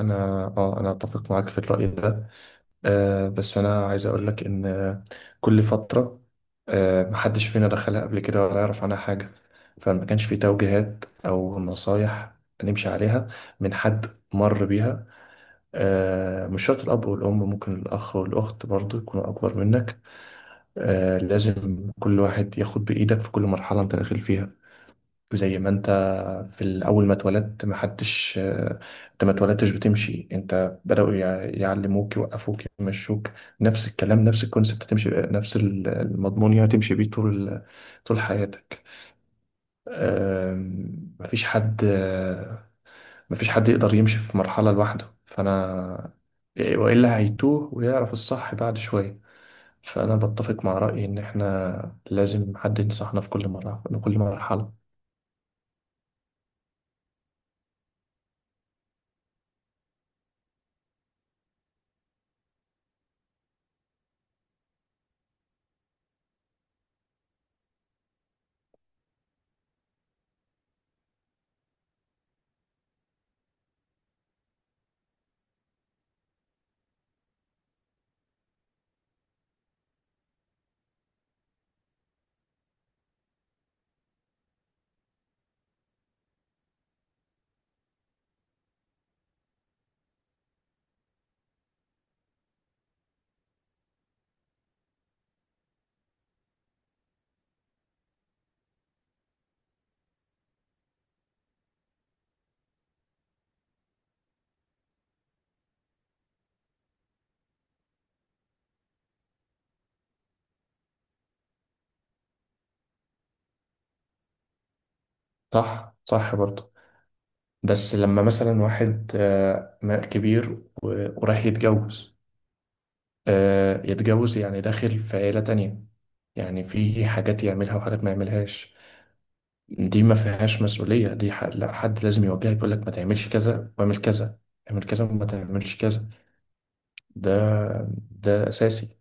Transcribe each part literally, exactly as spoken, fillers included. انا اه انا اتفق معاك في الرأي ده. آه بس انا عايز اقول لك ان آه، كل فترة آه محدش فينا دخلها قبل كده ولا يعرف عنها حاجة، فما كانش في توجيهات او نصايح نمشي عليها من حد مر بيها. آه، مش شرط الاب والام، ممكن الاخ والاخت برضو يكونوا اكبر منك. آه، لازم كل واحد ياخد بايدك في كل مرحلة انت داخل فيها. زي ما انت في الاول ما اتولدت، ما حدش آه، انت ما اتولدتش بتمشي، انت بدأوا يع- يعلموك يوقفوك يمشوك. نفس الكلام، نفس الكونسبت، تمشي نفس ال- المضمون، يعني تمشي بيه طول ال- طول حياتك. آم، مفيش حد آه، مفيش حد يقدر يمشي في مرحلة لوحده، فانا والا هيتوه ويعرف الصح بعد شوية. فانا بتفق مع رأيي ان احنا لازم حد ينصحنا في كل مرة في كل مرحلة. صح، صح برضه. بس لما مثلا واحد آه، ما- كبير و- ورايح يتجوز، آه، يتجوز يعني داخل في عيلة تانية، يعني في حاجات يعملها وحاجات ما يعملهاش. دي ما فيهاش مسؤولية، دي ح- لا، حد لازم يوجهك يقول لك ما تعملش كذا واعمل كذا، اعمل كذا وما تعملش كذا. ده ده أساسي.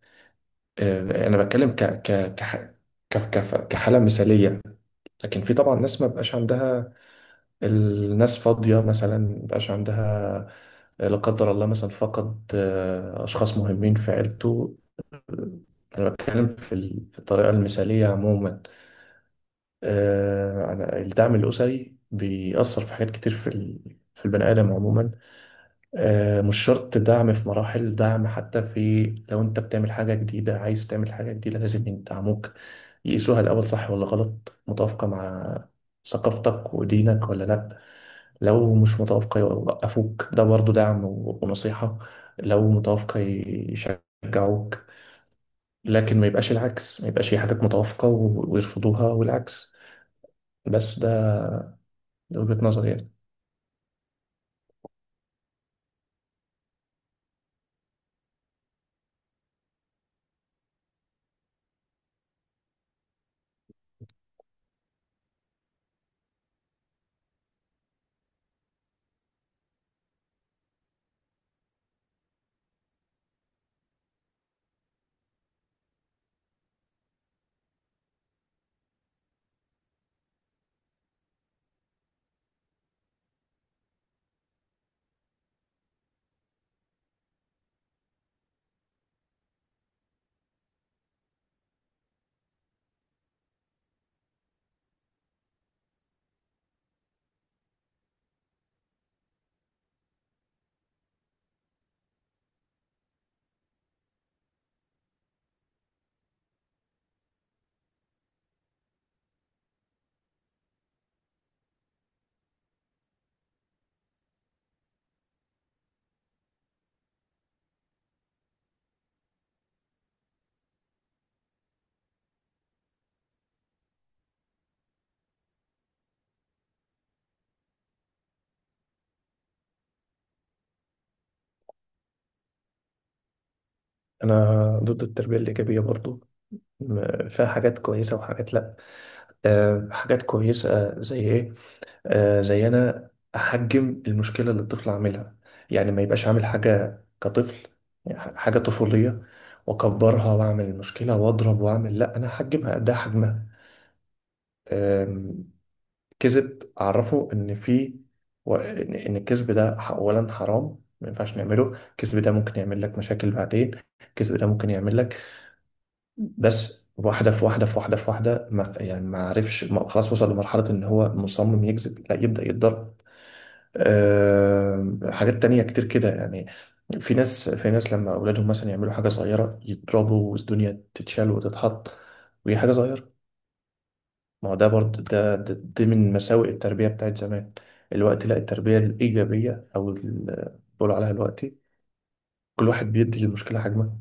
آه، أنا بتكلم ك ك كح- ك كف- كحالة مثالية. لكن في طبعا ناس ما بقاش عندها، الناس فاضية مثلا مبقاش عندها، لا قدر الله مثلا فقد آه، أشخاص مهمين في عيلته. أنا بتكلم في ال- في الطريقة المثالية عموما. آه، أنا- الدعم الأسري بيأثر في حاجات كتير في ال- في البني آدم عموما. آه، مش شرط دعم في مراحل، دعم حتى في لو أنت بتعمل حاجة جديدة، عايز تعمل حاجة جديدة لازم يدعموك، يقيسوها الأول صح ولا غلط، متوافقة مع ثقافتك ودينك ولا لأ. لو مش متوافقة يوقفوك، ده برضو دعم و- ونصيحة. لو متوافقة يشجعوك. لكن ما يبقاش العكس، ما يبقاش في حاجات متوافقة و- ويرفضوها والعكس. بس ده ده وجهة نظري يعني. انا ضد التربيه الايجابيه برضو. م- فيها حاجات كويسه وحاجات لا. أه، حاجات كويسه زي ايه؟ آه، زي انا احجم المشكله اللي الطفل عاملها، يعني ما يبقاش عامل حاجه كطفل، يعني ح- حاجه طفوليه واكبرها واعمل المشكله واضرب واعمل، لا انا احجمها قدها حجمها. آم، كذب اعرفه ان في و- ان إن الكذب ده ح- اولا حرام، ما ينفعش نعمله، الكذب ده ممكن يعمل لك مشاكل بعدين، الكذب ده ممكن يعمل لك بس واحده في واحده في واحده في واحده ما يعني ما عرفش ما- خلاص وصل لمرحله ان هو مصمم يكذب، لا يبدا يتضرر. آه، حاجات تانية كتير كده يعني. في ناس في ناس لما أولادهم مثلا يعملوا حاجة صغيرة يضربوا والدنيا تتشال وتتحط وهي حاجة صغيرة. ما هو ده برضه، ده, ده دي من مساوئ التربية بتاعت زمان الوقت، لا التربية الإيجابية أو اللي بيقولوا عليها دلوقتي، كل واحد بيدي للمشكلة حجمها.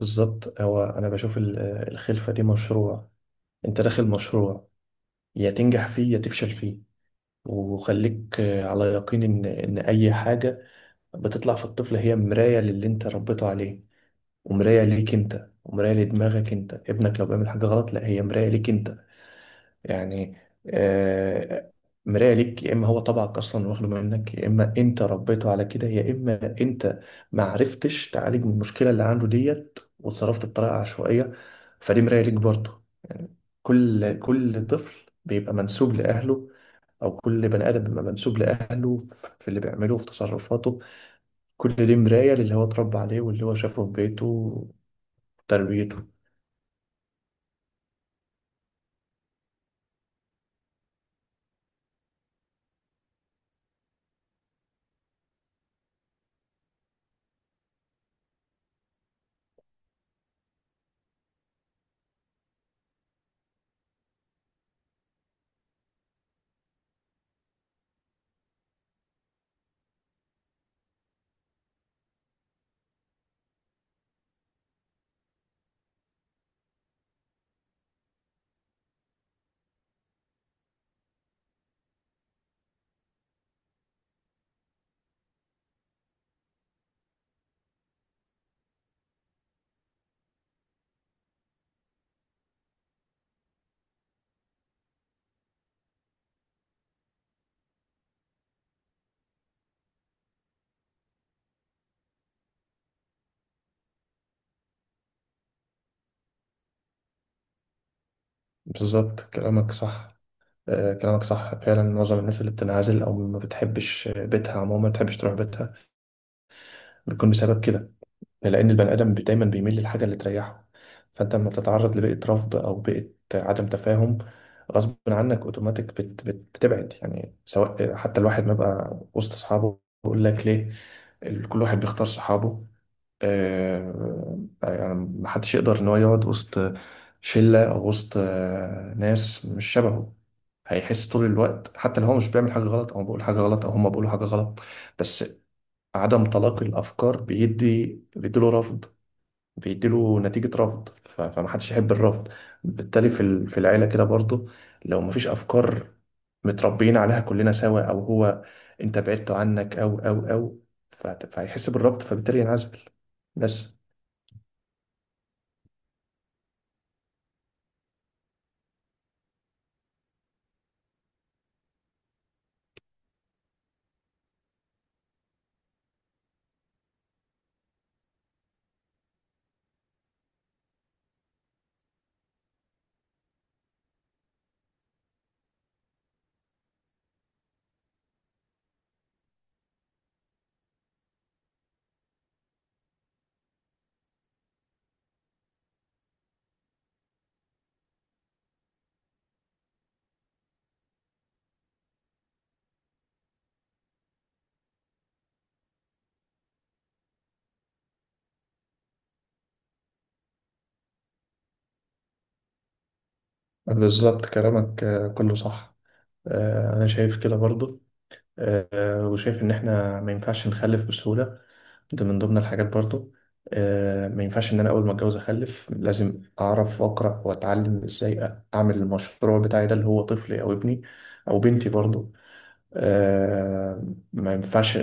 بالظبط، هو أنا بشوف ال- الخلفة دي مشروع، أنت داخل مشروع، يا تنجح فيه يا تفشل فيه. وخليك على يقين إن إن أي حاجة بتطلع في الطفل هي مراية للي انت ربيته عليه، ومراية ليك انت، ومراية لدماغك انت. ابنك لو بيعمل حاجة غلط، لا هي مراية ليك انت يعني. آه، مراية ليك، يا اما هو طبعك اصلا واخده منك، يا اما انت ربيته على كده، يا اما انت ما عرفتش تعالج من المشكلة اللي عنده ديت وتصرفت بطريقة عشوائية. فدي مراية ليك برضه يعني. كل كل طفل بيبقى منسوب لأهله، أو كل بني آدم بيبقى منسوب لأهله في اللي بيعمله في تصرفاته. كل دي مراية للي هو اتربى عليه واللي هو شافه في بيته وتربيته. بالظبط، كلامك صح. آه، كلامك صح فعلا. معظم الناس اللي بتنعزل أو ما بتحبش بيتها عموما ما بتحبش تروح بيتها، بيكون بسبب كده. لأن البني آدم بي- دايما بيميل للحاجة اللي تريحه. فأنت لما بتتعرض لبيئة رفض أو بيئة عدم تفاهم، غصب عنك أوتوماتيك بت بت بتبعد، يعني سواء حتى الواحد ما بقى وسط أصحابه. يقول لك ليه؟ ال- كل واحد بيختار صحابه. آه، آه، يعني محدش يقدر ان هو يقعد وسط شلة او وسط آه، ناس مش شبهه. هيحس طول الوقت حتى لو هو مش بيعمل حاجة غلط او بيقول حاجة غلط او هما بيقولوا حاجة غلط، بس عدم تلاقي الافكار بيدي بيديله رفض، بيديله نتيجة رفض. ف- فمحدش يحب الرفض. بالتالي في ال- في العيلة كده برضو، لو مفيش افكار متربيين عليها كلنا سوا، او هو انت بعدت عنك او او او فت- فهيحس بالربط، فبالتالي ينعزل. بس بالظبط، كلامك آه، كله صح. آه، انا شايف كده برضو. آه، وشايف ان احنا ما ينفعش نخلف بسهولة، ده من ضمن الحاجات برضو. آه، ما ينفعش ان انا اول ما اتجوز اخلف، لازم اعرف واقرا واتعلم ازاي اعمل المشروع بتاعي ده اللي هو طفلي او ابني او بنتي برضو. آه، ما ينفعش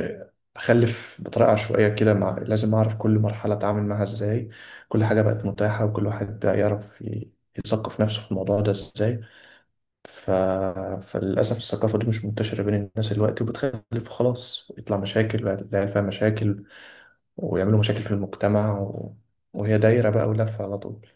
اخلف بطريقه عشوائيه كده. مع... لازم اعرف كل مرحله اتعامل معاها ازاي. كل حاجه بقت متاحه وكل واحد بقى يعرف ي- يثقف نفسه في الموضوع ده ازاي. ف... فللأسف الثقافة دي مش منتشرة بين الناس دلوقتي، وبتخلف خلاص يطلع مشاكل، العيال فيها مشاكل ويعملوا مشاكل في المجتمع و... وهي دايرة بقى ولفة على طول.